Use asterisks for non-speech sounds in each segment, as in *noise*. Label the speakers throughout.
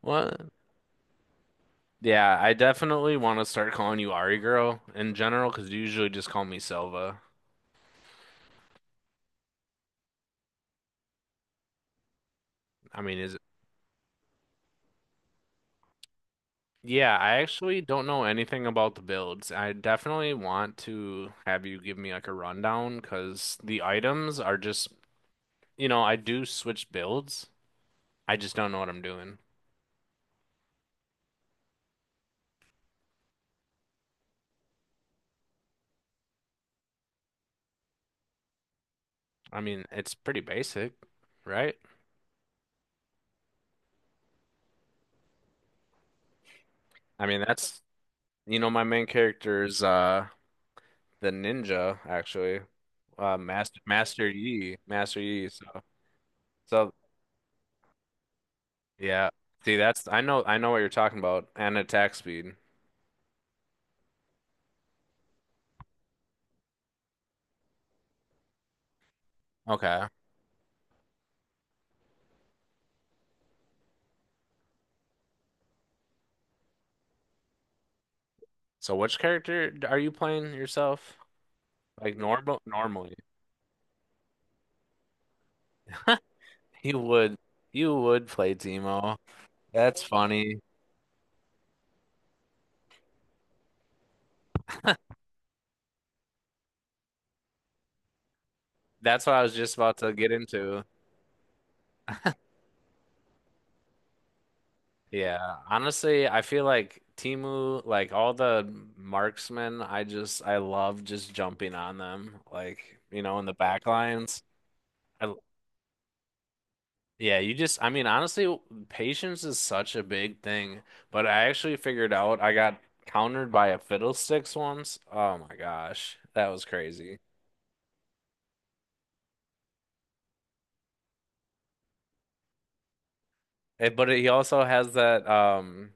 Speaker 1: What? Yeah, I definitely want to start calling you Ari girl in general because you usually just call me Silva. I mean, is it? Yeah, I actually don't know anything about the builds. I definitely want to have you give me like a rundown because the items are just. I do switch builds. I just don't know what I'm doing. I mean, it's pretty basic, right? I mean, my main character is the ninja actually. Master Yi, so so Yeah. See, that's I know what you're talking about. And attack speed. Okay. So which character are you playing yourself? Like normally. *laughs* You would you would play Teemo. That's funny. That's what I was just about to get into. Yeah. Honestly, I feel like Teemu, like all the marksmen, I love just jumping on them. Like, you know, in the back lines. I, Yeah, you just, I mean, honestly, patience is such a big thing. But I actually figured out I got countered by a fiddlesticks once. Oh my gosh, that was crazy. Eh, but he also has that um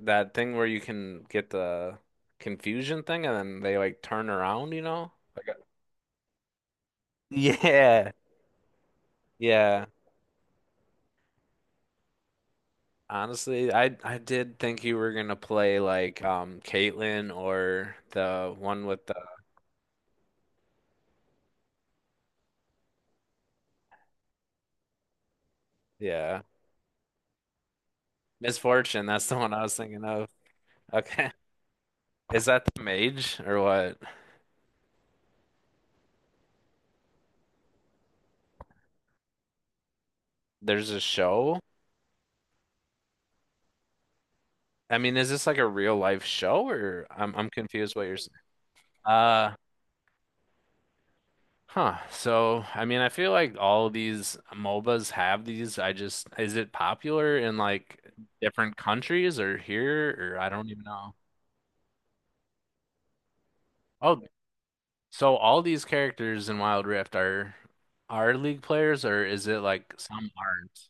Speaker 1: that thing where you can get the confusion thing, and then they like turn around, you know? *laughs* Yeah, yeah. Honestly, I did think you were gonna play like Caitlyn or the one with the yeah. Misfortune, that's the one I was thinking of. *laughs* Okay. Is that the Mage or what? There's a show? I mean, is this like a real life show or I'm confused what you're saying. Uh, huh. So, I mean, I feel like all these MOBAs have these. I just Is it popular in like different countries or here or I don't even know? Oh, so all these characters in Wild Rift are League players or is it like some aren't?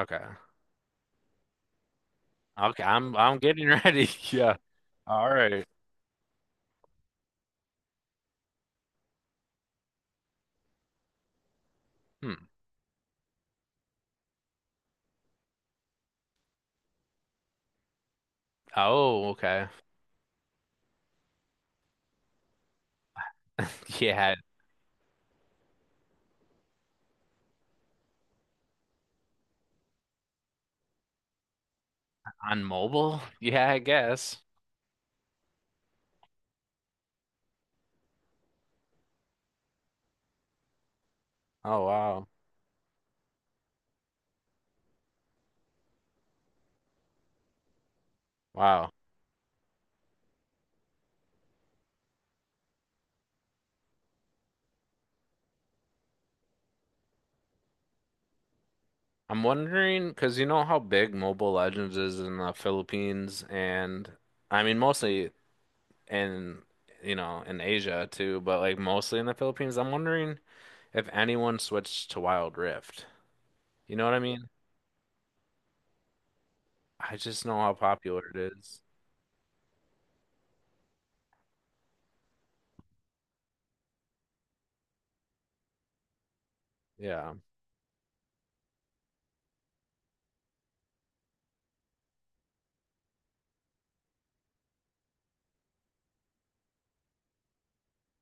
Speaker 1: Okay. Okay, I'm getting ready. *laughs* Yeah. All right. Hmm. Oh, okay. Yeah, on mobile? *laughs* Yeah, I guess. Oh, wow. Wow. I'm wondering because you know how big Mobile Legends is in the Philippines and I mean mostly in in Asia too, but like mostly in the Philippines. I'm wondering if anyone switched to Wild Rift. You know what I mean? I just know how popular it is. Yeah.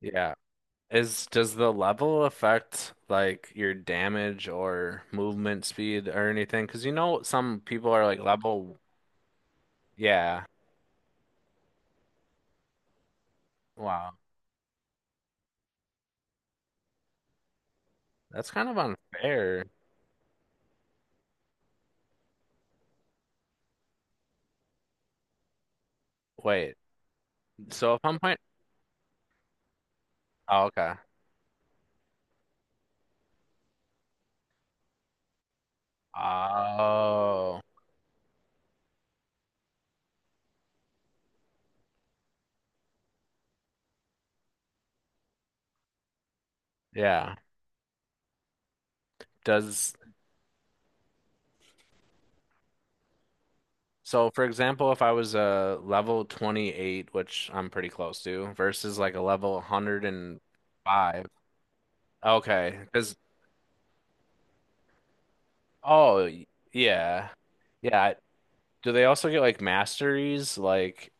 Speaker 1: Yeah. Is Does the level affect like your damage or movement speed or anything? Because you know some people are like level Yeah. Wow. That's kind of unfair. Wait. So if I'm playing, oh, okay. Oh, yeah. Does So for example, if I was a level 28, which I'm pretty close to, versus like a level 105. Okay. Because oh, yeah. Yeah. Do they also get like masteries? Like,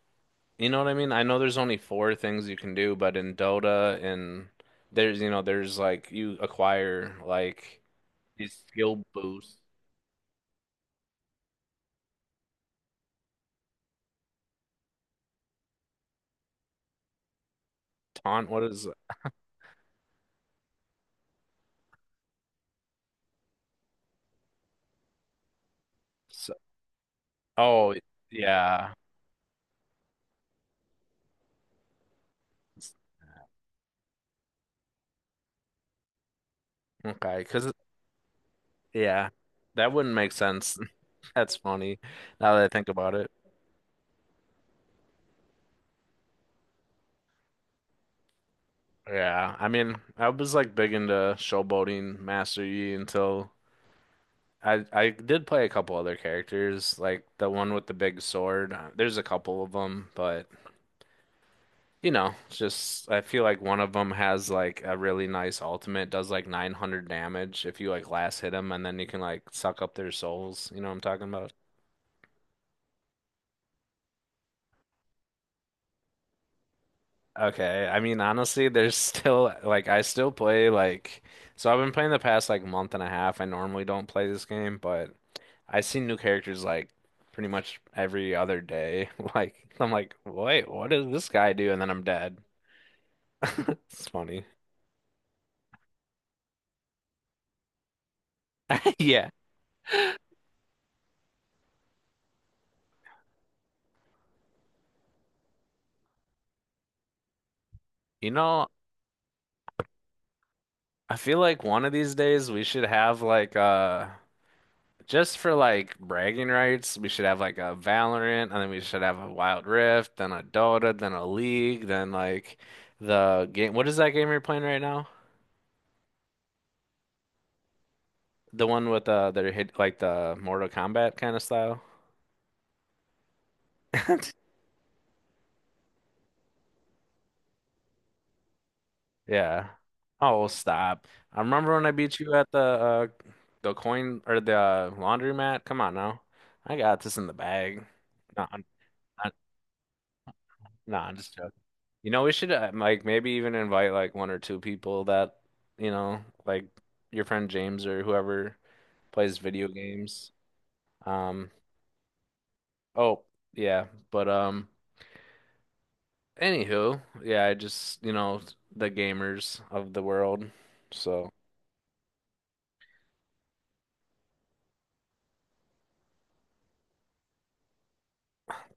Speaker 1: you know what I mean? I know there's only four things you can do, but in Dota and there's, you know, there's like you acquire like these skill boost. Taunt, what is so, oh yeah. Okay, because yeah. That wouldn't make sense. *laughs* That's funny now that I think about it. Yeah. I mean, I was like big into showboating Master Yi until I did play a couple other characters, like the one with the big sword. There's a couple of them, but you know, it's just I feel like one of them has like a really nice ultimate, does like 900 damage if you like last hit them, and then you can like suck up their souls. You know what I'm talking about? Okay, I mean honestly, there's still like I still play like so I've been playing the past like month and a half. I normally don't play this game, but I see new characters like pretty much every other day. *laughs* Like I'm like, wait, what does this guy do? And then I'm dead. *laughs* It's funny. *laughs* Yeah. You know, I feel like one of these days we should have like just for like bragging rights, we should have like a Valorant and then we should have a Wild Rift, then a Dota, then a League, then like the game, what is that game you're playing right now? The one with that hit like the Mortal Kombat kind of style? *laughs* Yeah. Oh, stop. I remember when I beat you at the coin or the laundromat. Come on now. I got this in the bag. No, nah, I'm just joking. You know, we should like maybe even invite like one or two people that, you know, like your friend James or whoever plays video games. Um, oh, yeah, but anywho, yeah, I just, you know, the gamers of the world. So,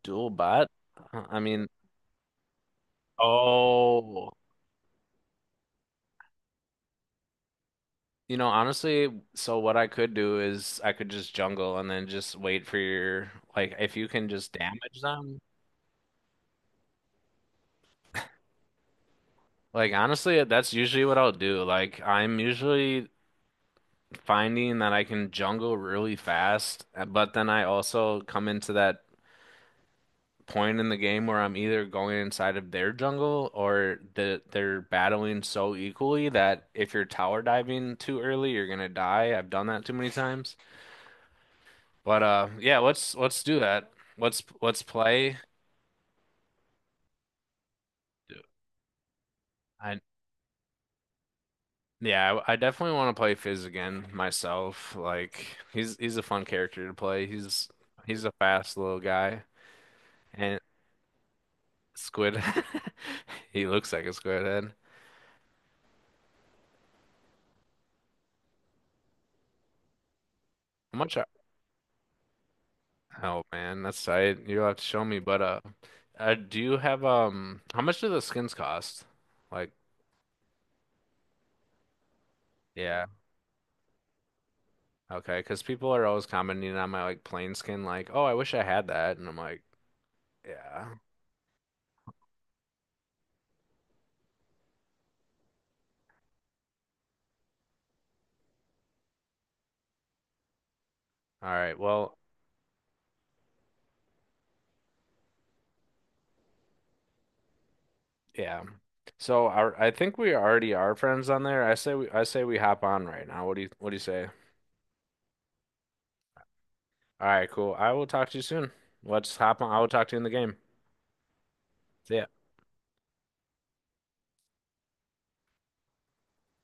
Speaker 1: dual bot? I mean, oh, you know, honestly, so what I could do is I could just jungle and then just wait for your like if you can just damage them. Like honestly, that's usually what I'll do. Like I'm usually finding that I can jungle really fast, but then I also come into that point in the game where I'm either going inside of their jungle or the, they're battling so equally that if you're tower diving too early, you're gonna die. I've done that too many times. But yeah, let's do that. Let's play. I Yeah, I definitely want to play Fizz again myself. Like he's a fun character to play. He's a fast little guy and squid. *laughs* He looks like a squid head. How much? Oh man, that's tight. You'll have to show me. But do you have? How much do the skins cost? Like yeah, okay. Because people are always commenting on my like plain skin. Like oh, I wish I had that. And I'm like yeah. All right. Well, yeah. So I think we already are friends on there. I say we hop on right now. What do you say? All right, cool. I will talk to you soon. Let's hop on. I will talk to you in the game. See ya.